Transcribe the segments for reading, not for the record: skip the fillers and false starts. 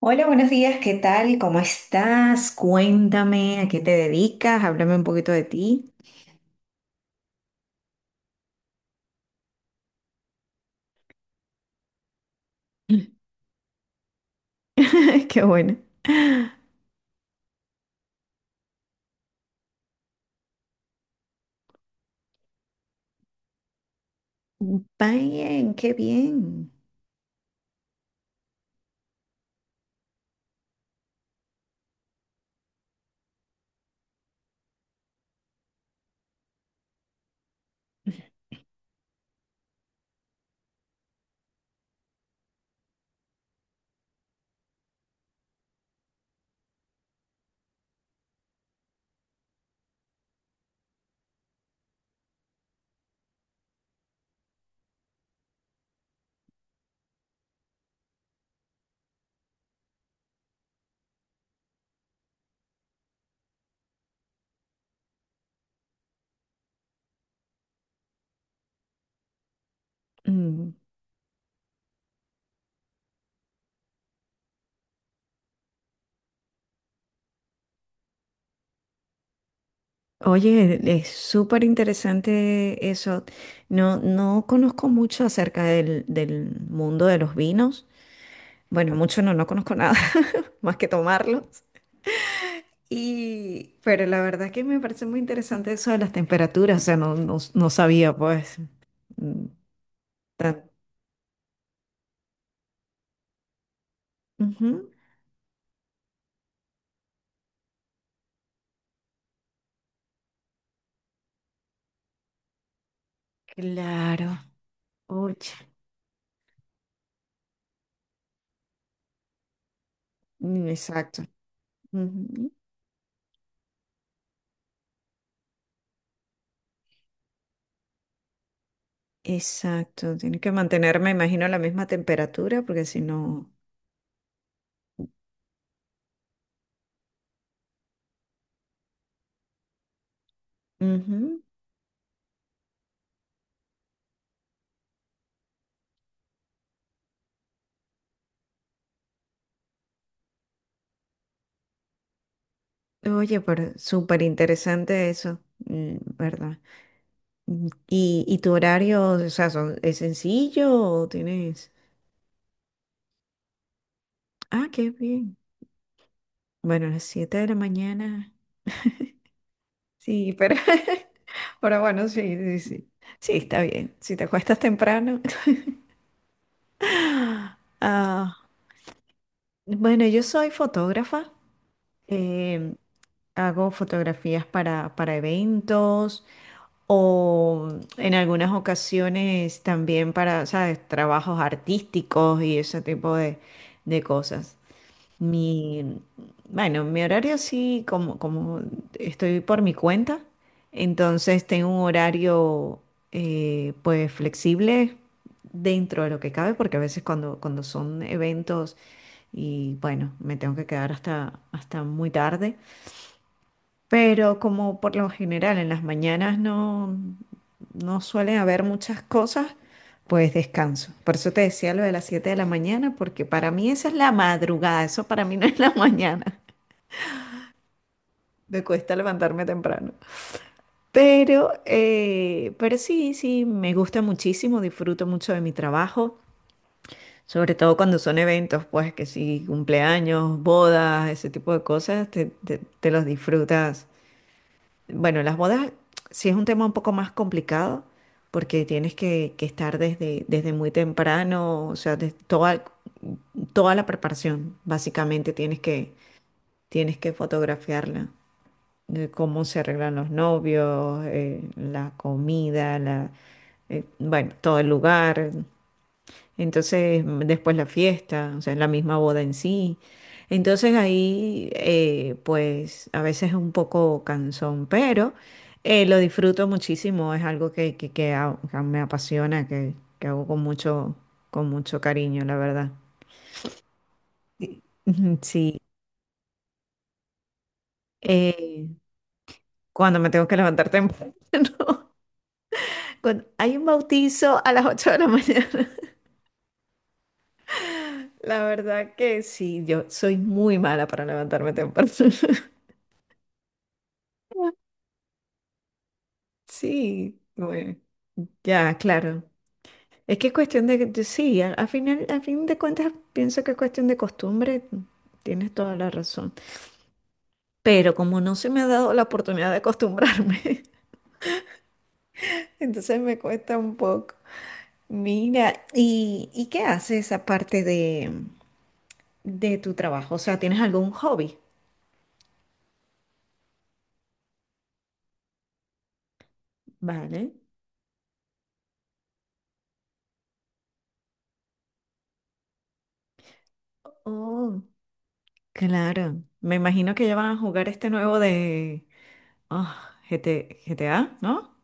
Hola, buenos días, ¿qué tal? ¿Cómo estás? Cuéntame, ¿a qué te dedicas? Háblame un poquito de ti. Qué bueno. Bien, qué bien. Mm, Oye, es súper interesante eso. No, no conozco mucho acerca del mundo de los vinos. Bueno, mucho no, no conozco nada más que tomarlos. Y, pero la verdad que me parece muy interesante eso de las temperaturas. O sea, no, no, no sabía, pues, mm, tan- Ujú. Claro. Oye, exacto. Ujú. Exacto. Tiene que mantenerme, imagino, la misma temperatura porque si no... Ujú. Oye, pero súper interesante eso, ¿verdad? Y tu horario, o sea, es sencillo o tienes... Ah, qué bien. Bueno, a las 7 de la mañana. Sí, pero... Pero bueno, sí, sí, sí. Sí, está bien. Si te acuestas temprano. Ah. Bueno, yo soy fotógrafa, em, hago fotografías para eventos o en algunas ocasiones también para, ¿sabes? Trabajos artísticos y ese tipo de cosas. Mi, bueno, mi horario sí, como, como estoy por mi cuenta, entonces tengo un horario pues flexible dentro de lo que cabe, porque a veces cuando, cuando son eventos y bueno, me tengo que quedar hasta, hasta muy tarde, pero como por lo general en las mañanas no, no suelen haber muchas cosas, pues descanso. Por eso te decía lo de las 7 de la mañana, porque para mí esa es la madrugada, eso para mí no es la mañana. Me cuesta levantarme temprano. Pero sí, sí, me gusta muchísimo, disfruto mucho de mi trabajo, sobre todo cuando son eventos, pues que sí, cumpleaños, bodas, ese tipo de cosas, te, te los disfrutas. Bueno, las bodas sí es un tema un poco más complicado porque tienes que estar desde, desde muy temprano, o sea, de toda, toda la preparación, básicamente tienes que fotografiarla, de cómo se arreglan los novios, la comida, bueno, todo el lugar. Entonces, después la fiesta, o sea, la misma boda en sí. Entonces ahí, pues a veces es un poco cansón, pero lo disfruto muchísimo, es algo que, que me apasiona, que hago con mucho cariño, la verdad. Ujú. Sí, eh, cuando me tengo que levantar temprano, cuando hay un bautizo a las 8 de la mañana. La verdad que sí, yo soy muy mala para levantarme temprano. Sí, bueno. Ya, claro. Es que es cuestión sí, a final, a fin de cuentas pienso que es cuestión de costumbre, tienes toda la razón. Pero como no se me ha dado la oportunidad de acostumbrarme, entonces me cuesta un poco. Mira, ¿y qué haces aparte de tu trabajo? O sea, ¿tienes algún hobby? Vale. Oh, claro. Me imagino que ya van a jugar este nuevo de GT GTA, ¿no?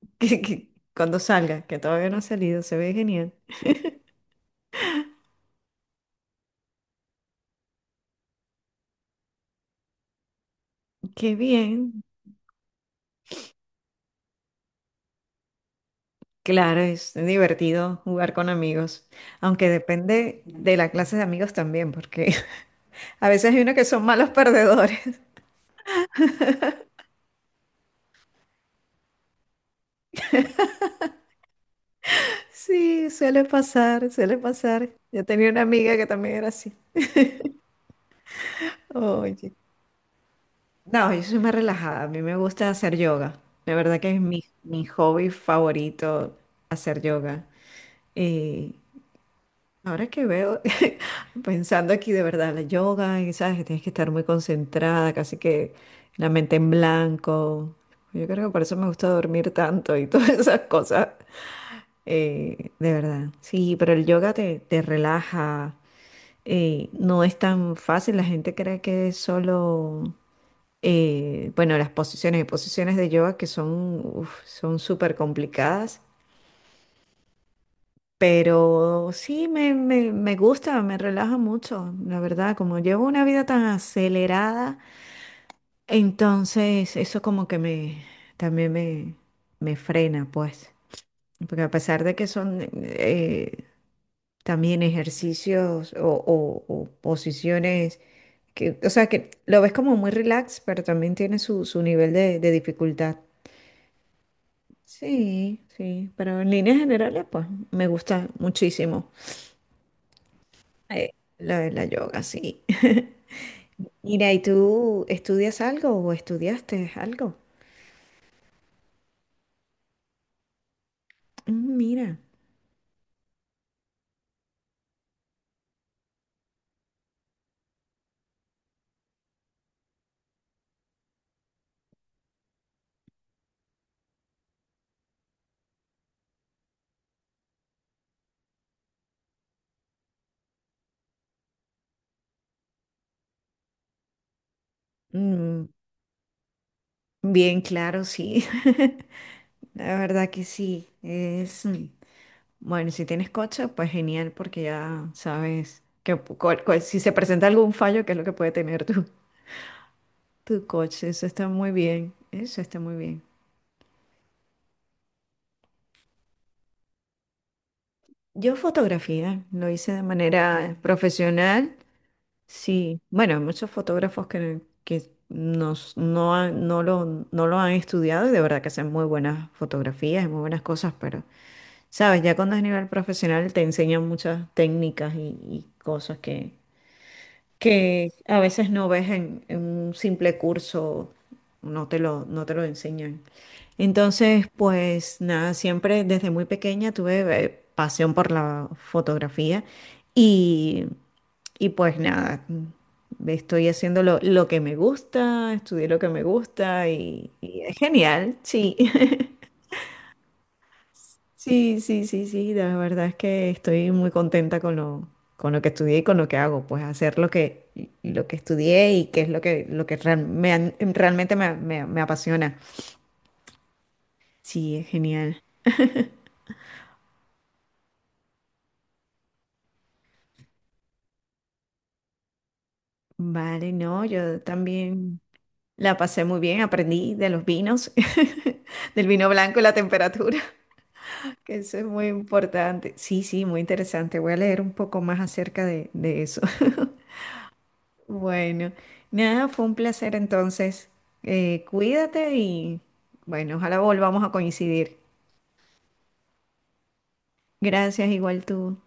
Que- que- cuando salga, que todavía no ha salido, se ve genial. Qué bien. Claro, es divertido jugar con amigos, aunque depende de la clase de amigos también, porque a veces hay unos que son malos perdedores. Sí, suele pasar, suele pasar. Yo tenía una amiga que también era así. Oye. No, yo soy más relajada. A mí me gusta hacer yoga. La verdad que es mi, mi hobby favorito, hacer yoga. Eh, Ahora que veo, pensando aquí de verdad, la yoga, y sabes que tienes que estar muy concentrada, casi que la mente en blanco. Yo creo que por eso me gusta dormir tanto y todas esas cosas. De verdad. Sí, pero el yoga te, te relaja. No es tan fácil. La gente cree que es solo, bueno, las posiciones y posiciones de yoga que son, uf, son súper complicadas. Pero sí, me gusta, me relaja mucho, la verdad, como llevo una vida tan acelerada, entonces eso como que me, también me frena, pues, porque a pesar de que son también ejercicios o posiciones, que, o sea, que lo ves como muy relax, pero también tiene su, su nivel de dificultad. Sí, sí, pero en líneas generales, pues, me gusta muchísimo. Eh, lo de la yoga, sí. Mira, ¿y tú estudias algo o estudiaste algo? Mm. Mira, Mm, bien claro, sí. La verdad que sí. Es bueno, si tienes coche, pues genial, porque ya sabes que si se presenta algún fallo, ¿qué es lo que puede tener tu, tu coche? Eso está muy bien. Eso está muy bien. Yo fotografía, lo hice de manera profesional. Sí, bueno, hay muchos fotógrafos que nos, no, han- no lo, no lo han estudiado y de verdad que hacen muy buenas fotografías y muy buenas cosas, pero, sabes, ya cuando es nivel profesional te enseñan muchas técnicas y cosas que a veces no ves en un simple curso, no te lo, no te lo enseñan. Entonces, pues nada, siempre desde muy pequeña tuve pasión por la fotografía y, y pues nada, estoy haciendo lo que me gusta, estudié lo que me gusta y es genial, sí. Sí, sí, sí, sí, la verdad es que estoy muy contenta con lo que estudié y con lo que hago, pues hacer lo que estudié y que es lo que realmente me, me apasiona. Sí, es genial. Vale, no, yo también la pasé muy bien, aprendí de los vinos, del vino blanco y la temperatura, que eso es muy importante. Sí, sí, muy interesante. Voy a leer un poco más acerca de eso. Bueno, nada, fue un placer entonces. Cuídate y bueno, ojalá volvamos a coincidir. Gracias, igual tú.